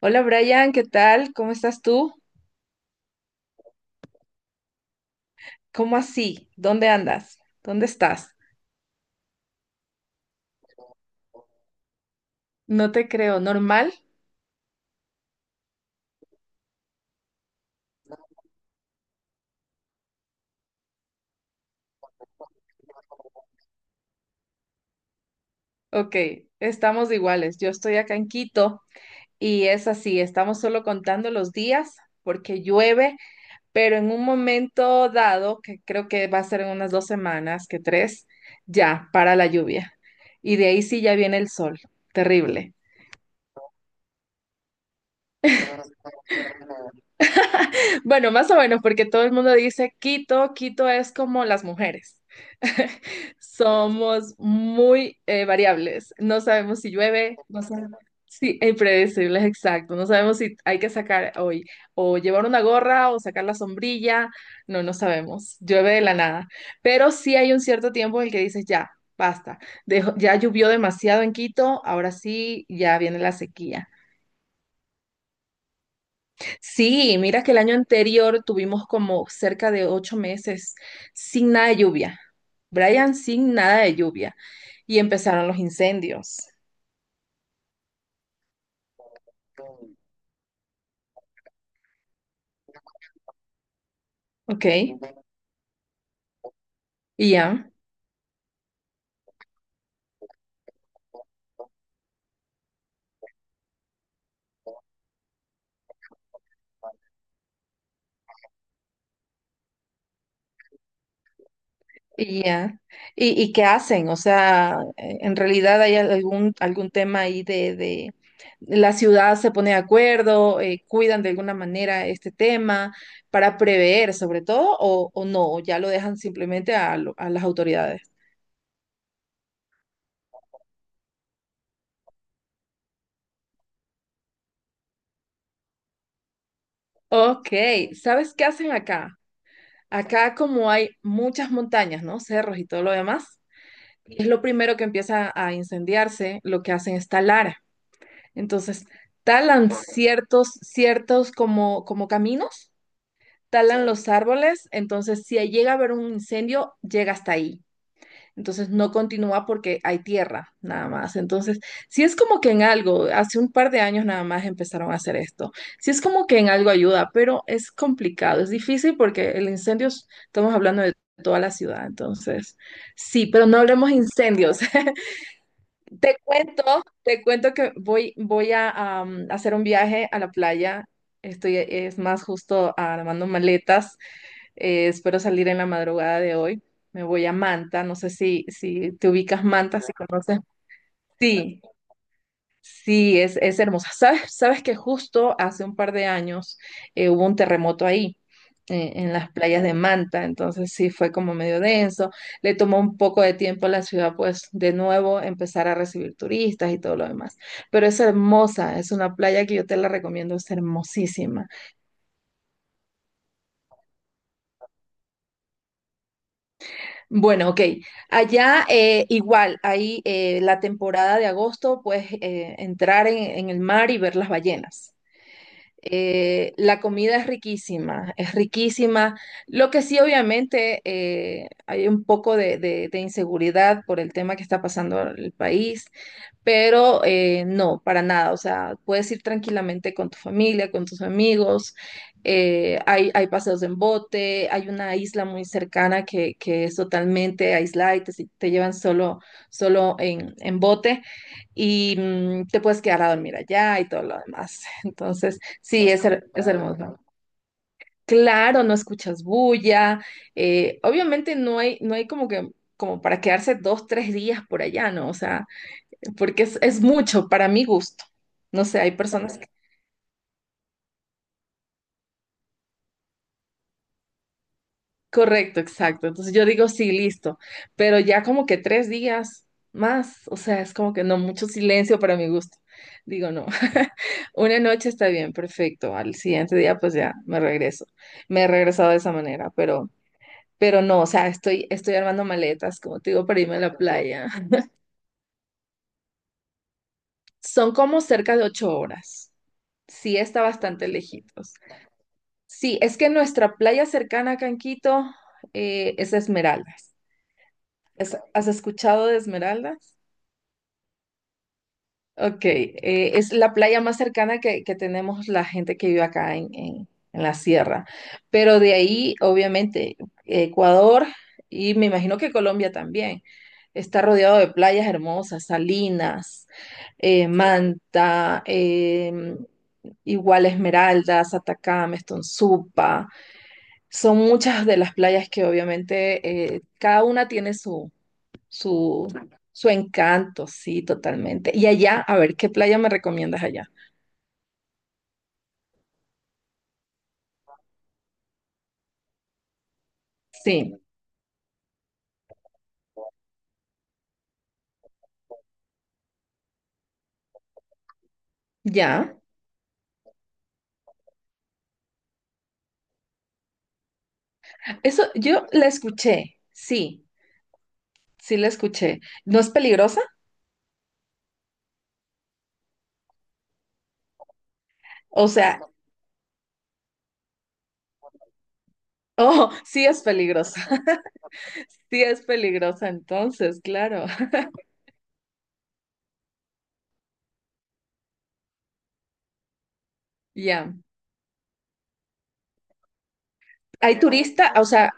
Hola Brian, ¿qué tal? ¿Cómo estás tú? ¿Cómo así? ¿Dónde andas? ¿Dónde estás? No te creo, ¿normal? Ok, estamos iguales. Yo estoy acá en Quito y es así, estamos solo contando los días porque llueve, pero en un momento dado, que creo que va a ser en unas 2 semanas, que tres, ya para la lluvia. Y de ahí sí ya viene el sol. Terrible. Bueno, más o menos, porque todo el mundo dice Quito, Quito es como las mujeres. Somos muy variables. No sabemos si llueve, no sabemos. Sí, e impredecibles, exacto. No sabemos si hay que sacar hoy o llevar una gorra o sacar la sombrilla. No, no sabemos. Llueve de la nada. Pero sí hay un cierto tiempo en el que dices, ya, basta. Ya llovió demasiado en Quito, ahora sí, ya viene la sequía. Sí, mira que el año anterior tuvimos como cerca de 8 meses sin nada de lluvia. Brian, sin nada de lluvia. Y empezaron los incendios. ¿Ok? Y ya, y ya. ¿Y qué hacen? O sea, en realidad hay algún tema ahí la ciudad se pone de acuerdo, cuidan de alguna manera este tema para prever sobre todo, o no, ya lo dejan simplemente a las autoridades. Ok, ¿sabes qué hacen acá? Acá como hay muchas montañas, ¿no? Cerros y todo lo demás, es lo primero que empieza a incendiarse. Lo que hacen es talar. Entonces, talan ciertos como caminos, talan los árboles. Entonces, si llega a haber un incendio, llega hasta ahí. Entonces no continúa porque hay tierra nada más. Entonces, si es como que en algo, hace un par de años nada más empezaron a hacer esto. Si es como que en algo ayuda, pero es complicado, es difícil porque el incendio, estamos hablando de toda la ciudad. Entonces, sí, pero no hablemos incendios. Te cuento, te cuento que voy a hacer un viaje a la playa. Estoy, es más, justo armando maletas. Espero salir en la madrugada de hoy. Me voy a Manta. No sé si te ubicas Manta, si conoces. Sí, sí, es hermosa. ¿Sabes que justo hace un par de años hubo un terremoto ahí, en las playas de Manta? Entonces sí fue como medio denso. Le tomó un poco de tiempo a la ciudad, pues, de nuevo, empezar a recibir turistas y todo lo demás. Pero es hermosa. Es una playa que yo te la recomiendo. Es hermosísima. Bueno, ok. Allá igual, ahí la temporada de agosto, pues entrar en el mar y ver las ballenas. La comida es riquísima, es riquísima. Lo que sí, obviamente, hay un poco de inseguridad por el tema que está pasando el país, pero no, para nada. O sea, puedes ir tranquilamente con tu familia, con tus amigos. Hay paseos en bote, hay una isla muy cercana que es totalmente aislada y te, si, te llevan solo, en bote y te puedes quedar a dormir allá y todo lo demás. Entonces... Sí, es hermoso. Claro, no escuchas bulla. Obviamente no hay, no hay como que como para quedarse dos, tres días por allá, ¿no? O sea, porque es mucho para mi gusto. No sé, hay personas que... Correcto, exacto. Entonces yo digo, sí, listo. Pero ya como que 3 días más, o sea, es como que no, mucho silencio para mi gusto. Digo, no. Una noche está bien, perfecto. Al siguiente día, pues ya me regreso. Me he regresado de esa manera, pero... Pero no, o sea, estoy, estoy armando maletas, como te digo, para irme a la playa. Son como cerca de 8 horas. Sí, está bastante lejitos. Sí, es que nuestra playa cercana a Canquito es Esmeraldas. ¿Has escuchado de Esmeraldas? Ok, Es la playa más cercana que tenemos la gente que vive acá en la sierra. Pero de ahí, obviamente, Ecuador, y me imagino que Colombia también, está rodeado de playas hermosas: Salinas, Manta, igual Esmeraldas, Atacama, Estonzupa. Son muchas de las playas que obviamente cada una tiene su, su encanto, sí, totalmente. Y allá, a ver, ¿qué playa me recomiendas allá? Sí, ya. Eso, yo la escuché, sí, sí la escuché. ¿No es peligrosa? O sea, oh, sí es peligrosa. Sí es peligrosa, entonces, claro. Ya. ¿Hay turista? O sea,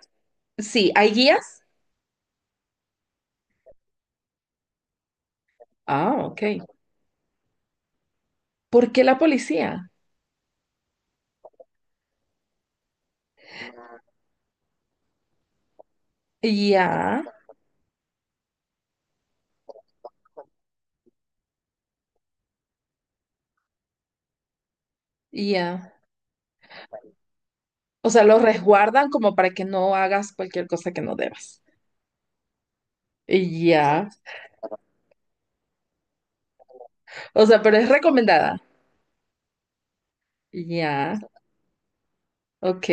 sí, ¿hay guías? Ah, ok. ¿Por qué la policía? Ya, ya. O sea, los resguardan como para que no hagas cualquier cosa que no debas. Ya. O sea, pero es recomendada. Ya, ok.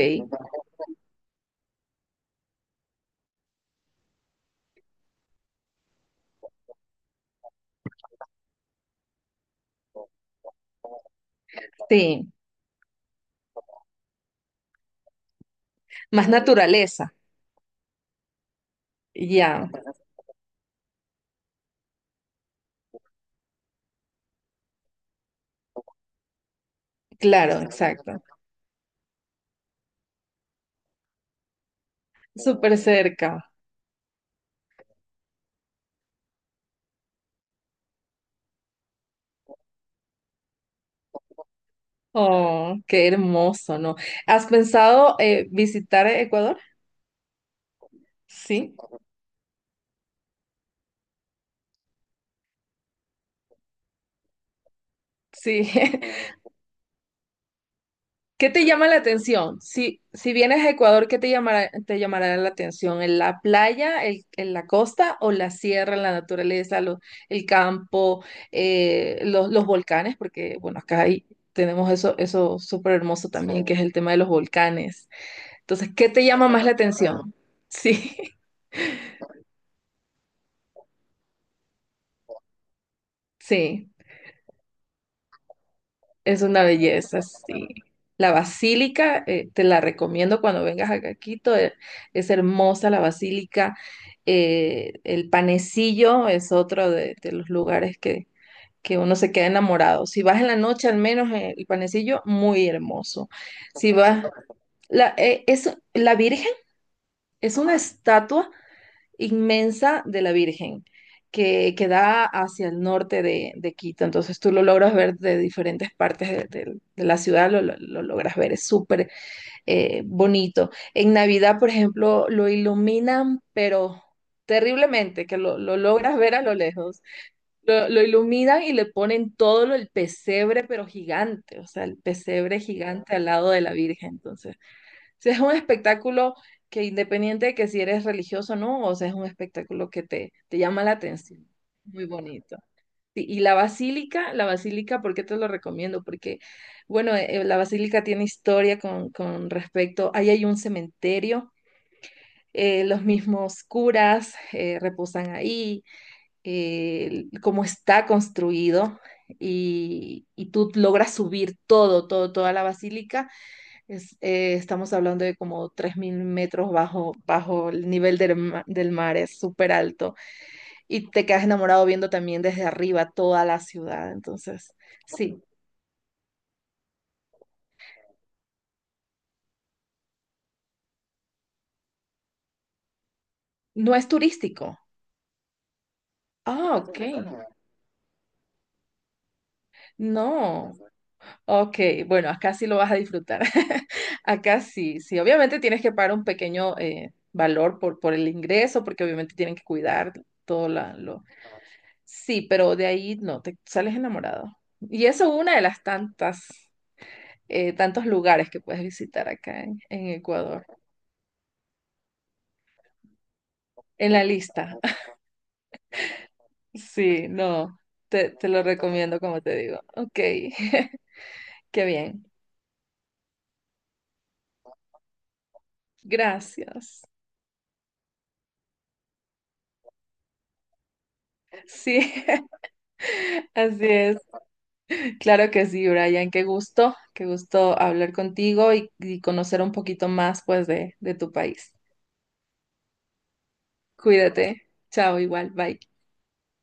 Sí, más naturaleza. Ya, claro, exacto. Súper cerca. Oh, qué hermoso, ¿no? ¿Has pensado visitar Ecuador? Sí, sí. ¿Qué te llama la atención? Si vienes a Ecuador, ¿qué te llamará la atención? ¿En la playa, en la costa, o la sierra, la naturaleza, el campo, los volcanes? Porque, bueno, acá tenemos eso, súper hermoso, sí, también, que es el tema de los volcanes. Entonces, ¿qué te llama más la atención? Sí, sí. Es una belleza, sí. La basílica, te la recomiendo cuando vengas acá a Quito. Es hermosa la basílica. El panecillo es otro de los lugares que uno se queda enamorado. Si vas en la noche, al menos el panecillo, muy hermoso. Si vas, la Virgen es una estatua inmensa de la Virgen que da hacia el norte de Quito. Entonces tú lo logras ver de diferentes partes de la ciudad, lo logras ver, es súper bonito. En Navidad, por ejemplo, lo iluminan, pero terriblemente, que lo logras ver a lo lejos. Lo iluminan y le ponen todo el pesebre, pero gigante. O sea, el pesebre gigante al lado de la Virgen. Entonces, sea, es un espectáculo que, independiente de que si eres religioso o no, o sea, es un espectáculo que te llama la atención. Muy bonito. Sí, y la basílica, ¿por qué te lo recomiendo? Porque, bueno, la basílica tiene historia con, respecto. Ahí hay un cementerio, los mismos curas reposan ahí, cómo está construido, y tú logras subir todo, toda la basílica. Estamos hablando de como 3.000 metros bajo el nivel del, del mar, es súper alto. Y te quedas enamorado viendo también desde arriba toda la ciudad. Entonces, sí, no es turístico. Ah, ok. No. Ok, bueno, acá sí lo vas a disfrutar. Acá sí, sí. Obviamente tienes que pagar un pequeño valor por el ingreso, porque obviamente tienen que cuidar todo lo... Sí, pero de ahí no, te sales enamorado. Y eso es una de las tantas. Tantos lugares que puedes visitar acá en Ecuador. En la lista. Sí, no, te lo recomiendo como te digo. Ok, qué bien. Gracias. Sí, así es. Claro que sí, Brian. Qué gusto hablar contigo y conocer un poquito más, pues, de tu país. Cuídate. Chao, igual. Bye.